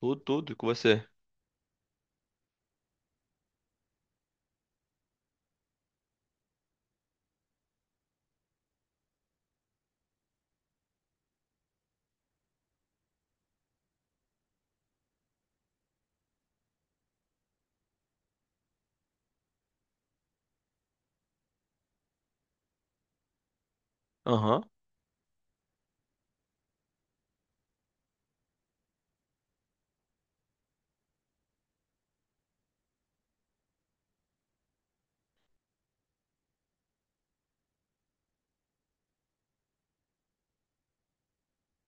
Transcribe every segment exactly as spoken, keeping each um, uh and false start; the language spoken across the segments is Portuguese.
Tudo, tudo com você. Aham,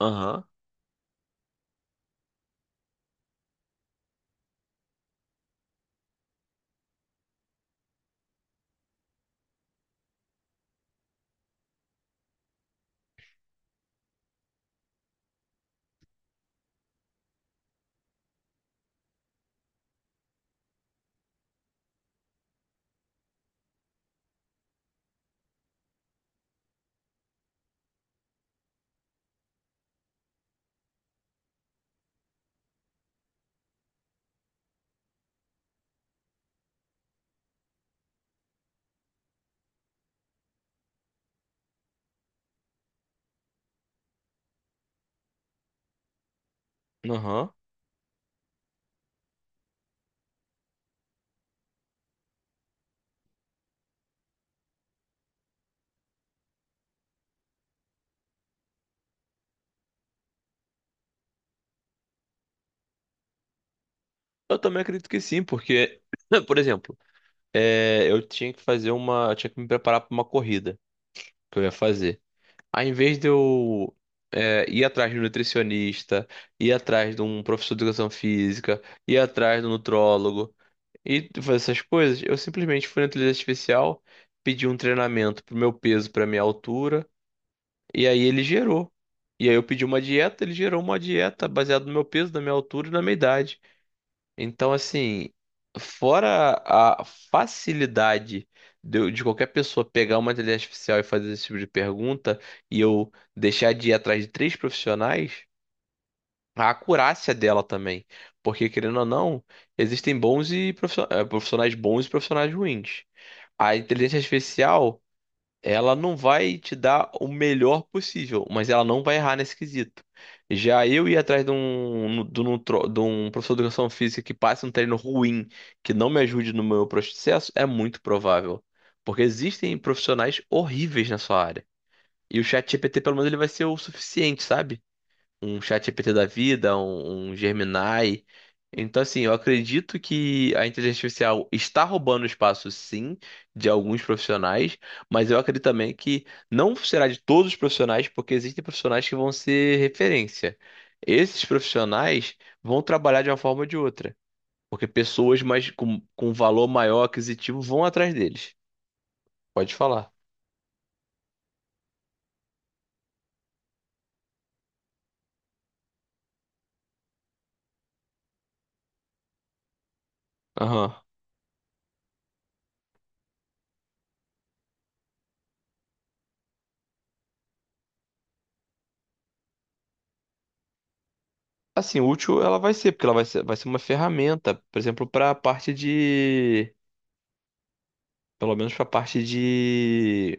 aham, aham. Eu também acredito que sim, porque, por exemplo, é, eu tinha que fazer uma. Eu tinha que me preparar para uma corrida que eu ia fazer. Aí, em vez de eu é, ir atrás de um nutricionista, ir atrás de um professor de educação física, ir atrás do nutrólogo e fazer essas coisas, eu simplesmente fui na inteligência artificial, pedi um treinamento pro meu peso, pra minha altura. E aí ele gerou. E aí eu pedi uma dieta, ele gerou uma dieta baseada no meu peso, na minha altura e na minha idade. Então, assim, fora a facilidade de, eu- de qualquer pessoa pegar uma inteligência artificial e fazer esse tipo de pergunta, e eu deixar de ir atrás de três profissionais, a acurácia dela também. Porque, querendo ou não, existem bons e profissio- eh, profissionais bons e profissionais ruins. A inteligência artificial. Ela não vai te dar o melhor possível, mas ela não vai errar nesse quesito. Já eu ir atrás de um, de um, tro- de um professor de educação física que passe um treino ruim, que não me ajude no meu processo, é muito provável. Porque existem profissionais horríveis na sua área. E o ChatGPT, pelo menos, ele vai ser o suficiente, sabe? Um ChatGPT da vida, um, um Gemini. Então, assim, eu acredito que a inteligência artificial está roubando espaço, sim, de alguns profissionais, mas eu acredito também que não será de todos os profissionais, porque existem profissionais que vão ser referência. Esses profissionais vão trabalhar de uma forma ou de outra, porque pessoas mais com, com valor maior aquisitivo vão atrás deles. Pode falar. Aham. Assim, útil ela vai ser, porque ela vai ser, vai ser uma ferramenta, por exemplo, para a parte de. Pelo menos pra parte de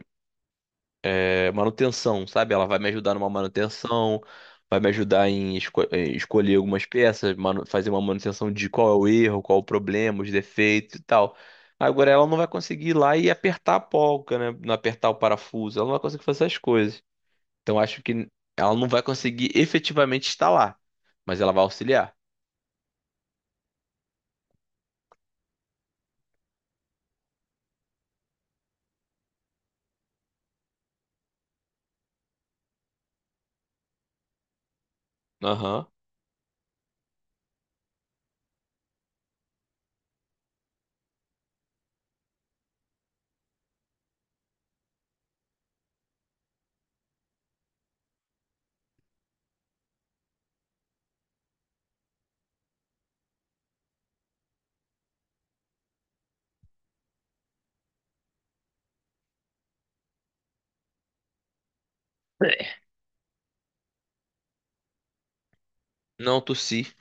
é, manutenção, sabe? Ela vai me ajudar numa manutenção, vai me ajudar em, esco- em escolher algumas peças, manu- fazer uma manutenção de qual é o erro, qual é o problema, os defeitos e tal. Agora ela não vai conseguir ir lá e apertar a polca, né? Não apertar o parafuso, ela não vai conseguir fazer essas coisas. Então acho que ela não vai conseguir efetivamente instalar, mas ela vai auxiliar. Aham. Não tossi.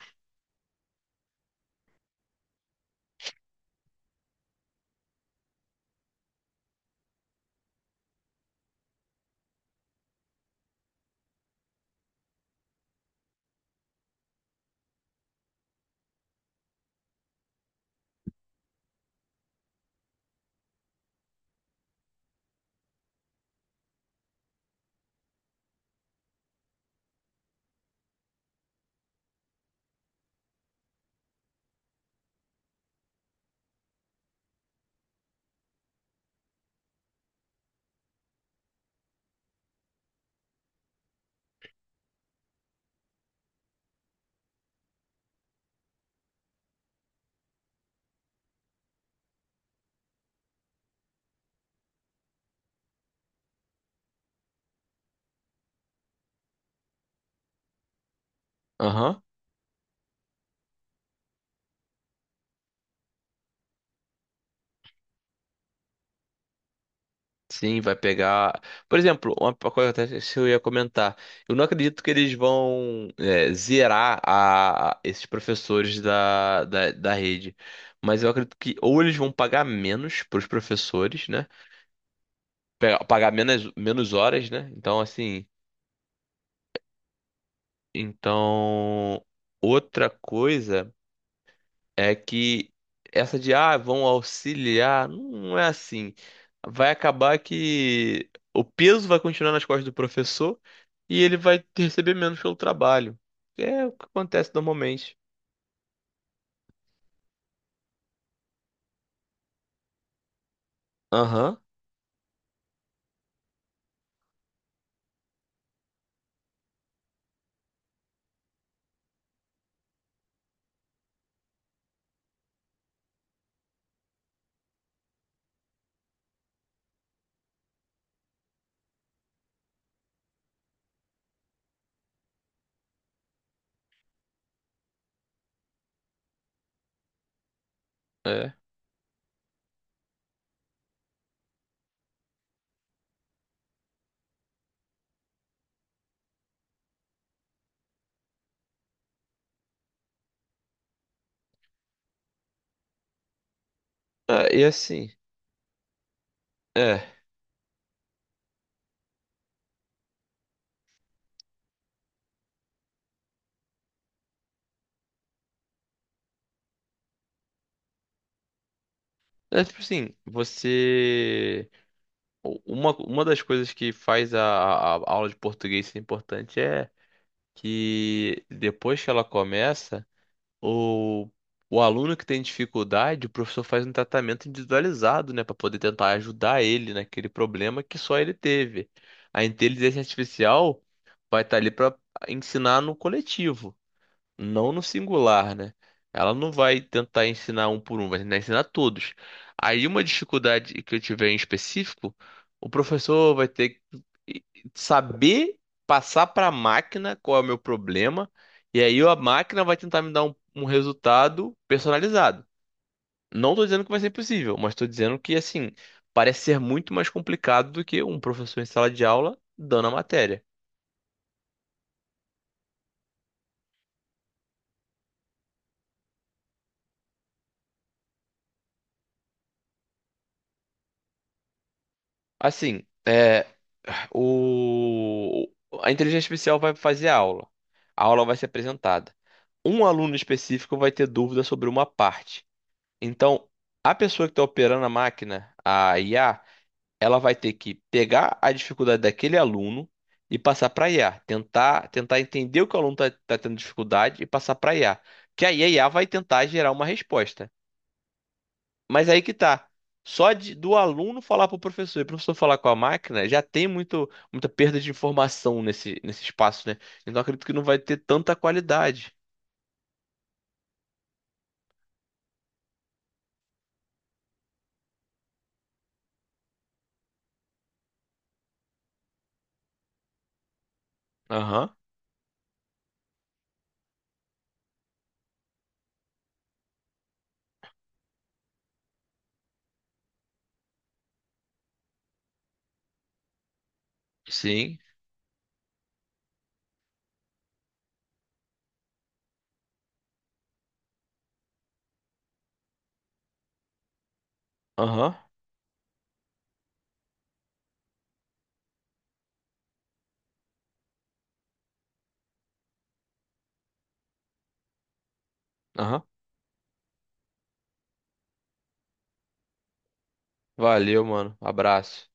Aham. Sim, vai pegar. Por exemplo, uma uma coisa até que eu ia comentar. Eu não acredito que eles vão é, zerar a, a- esses professores da, da, da rede. Mas eu acredito que ou eles vão pagar menos para os professores, né? Pegar- Pagar menos, menos horas, né? Então, assim. Então, outra coisa é que essa de ah, vão auxiliar, não é assim. Vai acabar que o peso vai continuar nas costas do professor, e ele vai receber menos pelo trabalho. É o que acontece normalmente. Aham, é. Ah, e assim, é. É tipo assim, você. Uma, uma das coisas que faz a, a a aula de português ser importante é que depois que ela começa. O, o aluno que tem dificuldade, o professor faz um tratamento individualizado, né, para poder tentar ajudar ele naquele problema que só ele teve. A inteligência artificial vai estar ali para ensinar no coletivo, não no singular, né? Ela não vai tentar ensinar um por um, vai tentar ensinar todos. Aí uma dificuldade que eu tiver em específico, o professor vai ter que saber passar para a máquina qual é o meu problema, e aí a máquina vai tentar me dar um, um resultado personalizado. Não estou dizendo que vai ser impossível, mas estou dizendo que assim, parece ser muito mais complicado do que um professor em sala de aula dando a matéria. Assim, é, o, a inteligência artificial vai fazer a aula. A aula vai ser apresentada. Um aluno específico vai ter dúvida sobre uma parte. Então, a pessoa que está operando a máquina, a I A, ela vai ter que pegar a dificuldade daquele aluno e passar para a I A. Tentar, tentar entender o que o aluno está tendo dificuldade e passar para a I A. Que aí a I A vai tentar gerar uma resposta. Mas aí que tá. Só de- do aluno falar para o professor e o professor falar com a máquina, já tem muito, muita perda de informação nesse, nesse espaço, né? Então acredito que não vai ter tanta qualidade. Aham, sim. Aham, aham. Valeu, mano. Abraço.